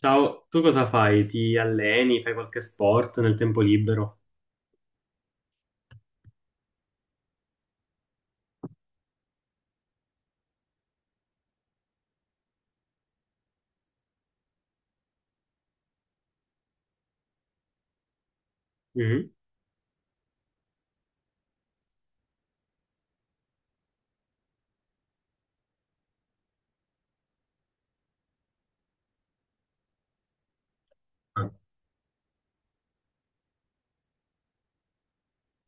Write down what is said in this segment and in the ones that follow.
Ciao, tu cosa fai? Ti alleni? Fai qualche sport nel tempo libero? Mhm.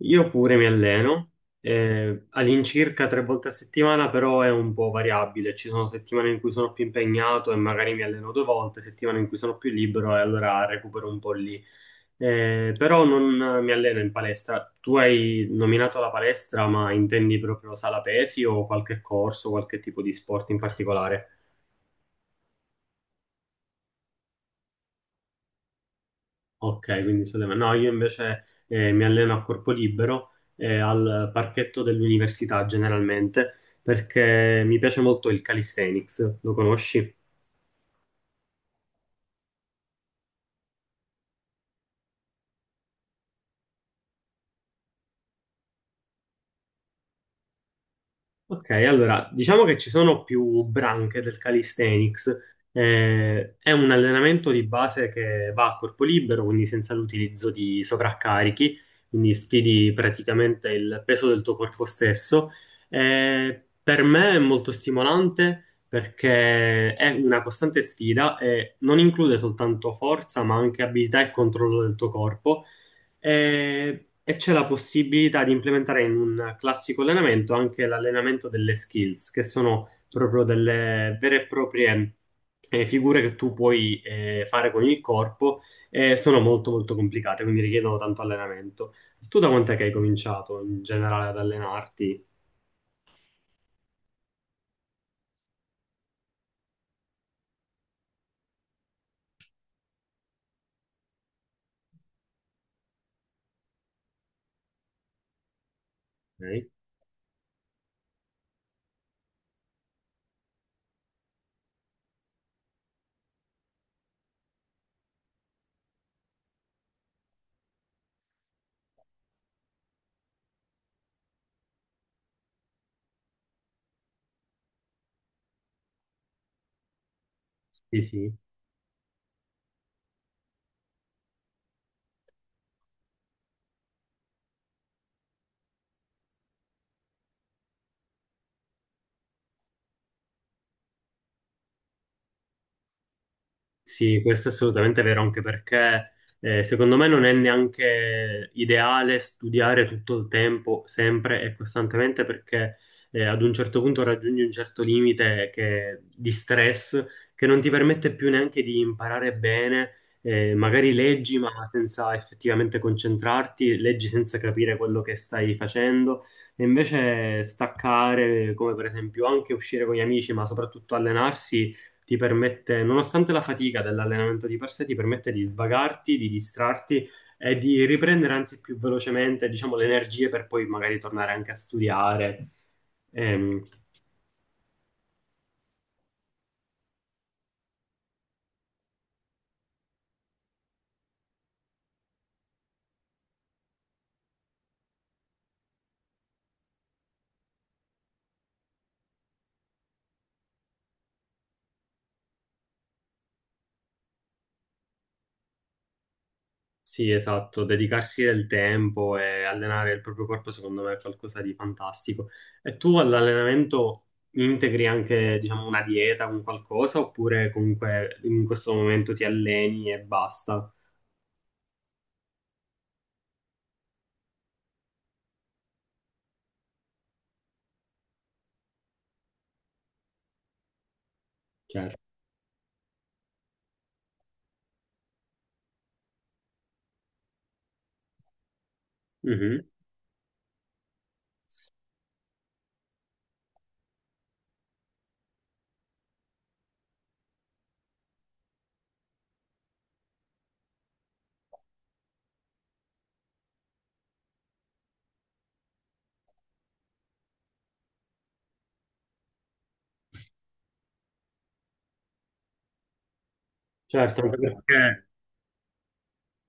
Io pure mi alleno, all'incirca tre volte a settimana, però è un po' variabile. Ci sono settimane in cui sono più impegnato e magari mi alleno due volte, settimane in cui sono più libero e allora recupero un po' lì. Però non mi alleno in palestra. Tu hai nominato la palestra, ma intendi proprio sala pesi o qualche corso, qualche tipo di sport in particolare? Ok, quindi state- No, io invece mi alleno a corpo libero al parchetto dell'università generalmente perché mi piace molto il calisthenics, lo conosci? Ok, allora diciamo che ci sono più branche del calisthenics. È un allenamento di base che va a corpo libero, quindi senza l'utilizzo di sovraccarichi, quindi sfidi praticamente il peso del tuo corpo stesso. Per me è molto stimolante perché è una costante sfida e non include soltanto forza, ma anche abilità e controllo del tuo corpo. E c'è la possibilità di implementare in un classico allenamento anche l'allenamento delle skills, che sono proprio delle vere e proprie figure che tu puoi fare con il corpo e sono molto complicate, quindi richiedono tanto allenamento. Tu da quant'è che hai cominciato in generale ad allenarti? Ok. Sì, sì. Sì, questo è assolutamente vero, anche perché secondo me non è neanche ideale studiare tutto il tempo, sempre e costantemente, perché ad un certo punto raggiungi un certo limite che- di stress che non ti permette più neanche di imparare bene. Magari leggi, ma senza effettivamente concentrarti, leggi senza capire quello che stai facendo. E invece staccare, come per esempio anche uscire con gli amici, ma soprattutto allenarsi ti permette, nonostante la fatica dell'allenamento di per sé, ti permette di svagarti, di distrarti e di riprendere anzi più velocemente, diciamo, le energie per poi magari tornare anche a studiare. Ehm, sì, esatto, dedicarsi del tempo e allenare il proprio corpo, secondo me, è qualcosa di fantastico. E tu all'allenamento integri anche, diciamo, una dieta, un qualcosa, oppure comunque in questo momento ti alleni e basta? Certo. Mhm. Certo, anche perché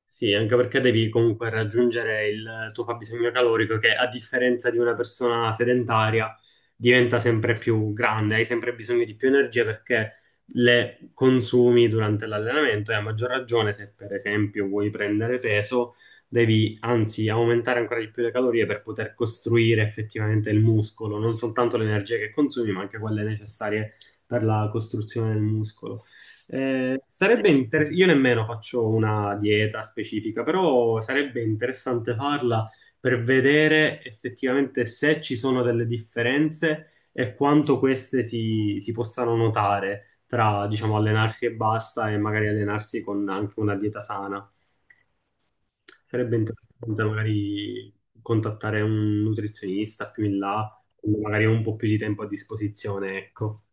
sì, anche perché devi comunque raggiungere il tuo fabbisogno calorico che a differenza di una persona sedentaria diventa sempre più grande, hai sempre bisogno di più energia perché le consumi durante l'allenamento e a maggior ragione se per esempio vuoi prendere peso, devi anzi aumentare ancora di più le calorie per poter costruire effettivamente il muscolo, non soltanto l'energia che consumi, ma anche quelle necessarie per la costruzione del muscolo. Sarebbe interessante, io nemmeno faccio una dieta specifica, però sarebbe interessante farla per vedere effettivamente se ci sono delle differenze e quanto queste si possano notare tra, diciamo, allenarsi e basta e magari allenarsi con anche una dieta sana. Sarebbe interessante magari contattare un nutrizionista più in là, quando magari ho un po' più di tempo a disposizione, ecco.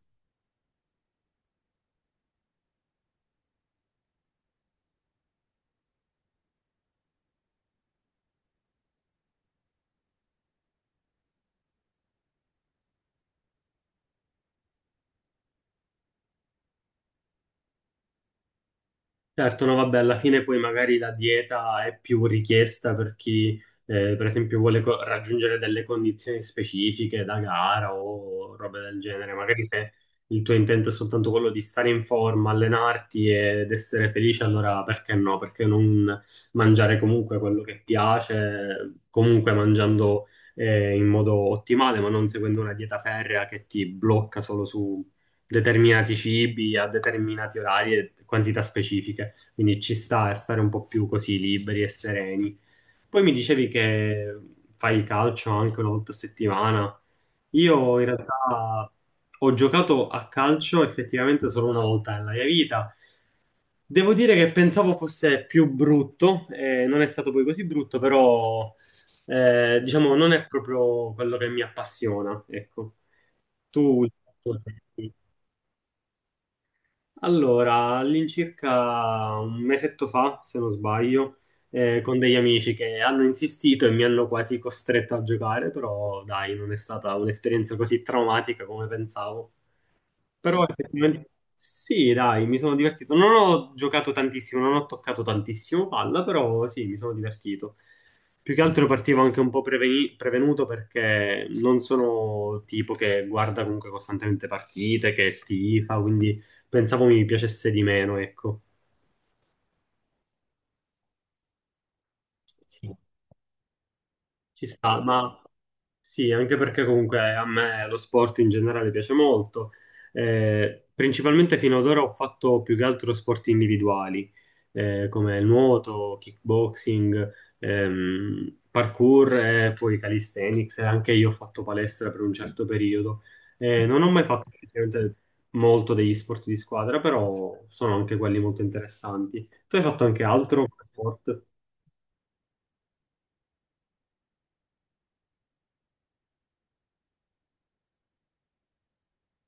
Certo, no, vabbè, alla fine poi magari la dieta è più richiesta per chi, per esempio, vuole co- raggiungere delle condizioni specifiche da gara o robe del genere. Magari se il tuo intento è soltanto quello di stare in forma, allenarti ed essere felice, allora perché no? Perché non mangiare comunque quello che piace, comunque mangiando, in modo ottimale, ma non seguendo una dieta ferrea che ti blocca solo su determinati cibi a determinati orari e quantità specifiche. Quindi ci sta a stare un po' più così liberi e sereni. Poi mi dicevi che fai il calcio anche una volta a settimana. Io in realtà ho giocato a calcio effettivamente solo una volta nella mia vita. Devo dire che pensavo fosse più brutto, non è stato poi così brutto, però diciamo non è proprio quello che mi appassiona, ecco. Tu Allora, all'incirca un mesetto fa, se non sbaglio, con degli amici che hanno insistito e mi hanno quasi costretto a giocare, però dai, non è stata un'esperienza così traumatica come pensavo. Però effettivamente sì, dai, mi sono divertito. Non ho giocato tantissimo, non ho toccato tantissimo palla, però sì, mi sono divertito. Più che altro partivo anche un po' preveni- prevenuto perché non sono tipo che guarda comunque costantemente partite, che tifa, quindi pensavo mi piacesse di meno, ecco. Sì. Ci sta, ma sì, anche perché comunque a me lo sport in generale piace molto. Principalmente fino ad ora ho fatto più che altro sport individuali, come nuoto, kickboxing, parkour e poi calisthenics. E anche io ho fatto palestra per un certo periodo. Non ho mai fatto effettivamente molto degli sport di squadra, però sono anche quelli molto interessanti. Tu hai fatto anche altro sport?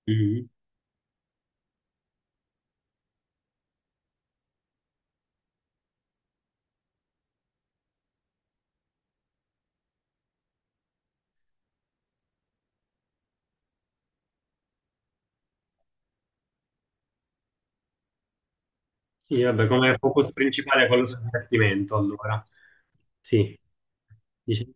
Mm-hmm. Sì, vabbè, come focus principale è quello sul divertimento, allora. Sì. Dice-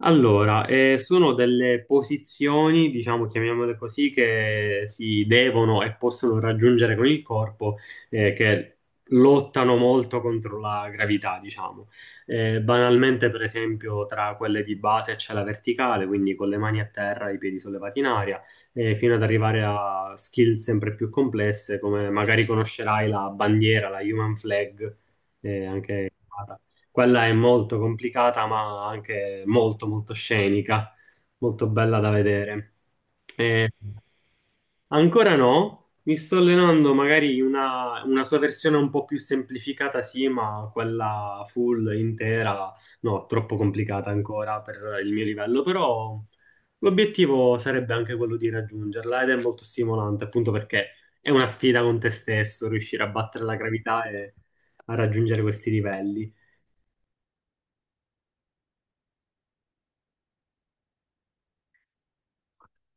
Allora, sono delle posizioni, diciamo, chiamiamole così, che si devono e possono raggiungere con il corpo, che lottano molto contro la gravità, diciamo. Banalmente, per esempio, tra quelle di base c'è la verticale, quindi con le mani a terra, i piedi sollevati in aria, fino ad arrivare a skill sempre più complesse, come magari conoscerai la bandiera, la human flag, anche... Quella è molto complicata, ma anche molto, molto scenica, molto bella da vedere. E ancora no, mi sto allenando magari una sua versione un po' più semplificata, sì, ma quella full, intera, no, troppo complicata ancora per il mio livello, però l'obiettivo sarebbe anche quello di raggiungerla ed è molto stimolante, appunto perché è una sfida con te stesso, riuscire a battere la gravità e a raggiungere questi livelli.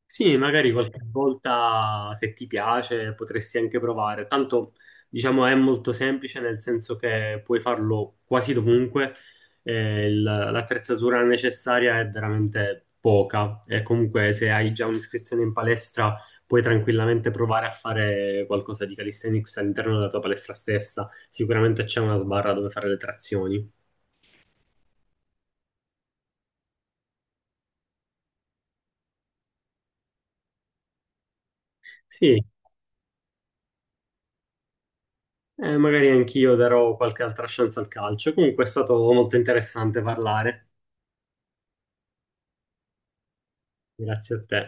Sì, magari qualche volta se ti piace potresti anche provare. Tanto, diciamo, è molto semplice nel senso che puoi farlo quasi dovunque. Il- l'attrezzatura necessaria è veramente poca e comunque se hai già un'iscrizione in palestra puoi tranquillamente provare a fare qualcosa di calisthenics all'interno della tua palestra stessa. Sicuramente c'è una sbarra dove fare le trazioni. Sì, magari anch'io darò qualche altra chance al calcio. Comunque è stato molto interessante parlare. Grazie a te.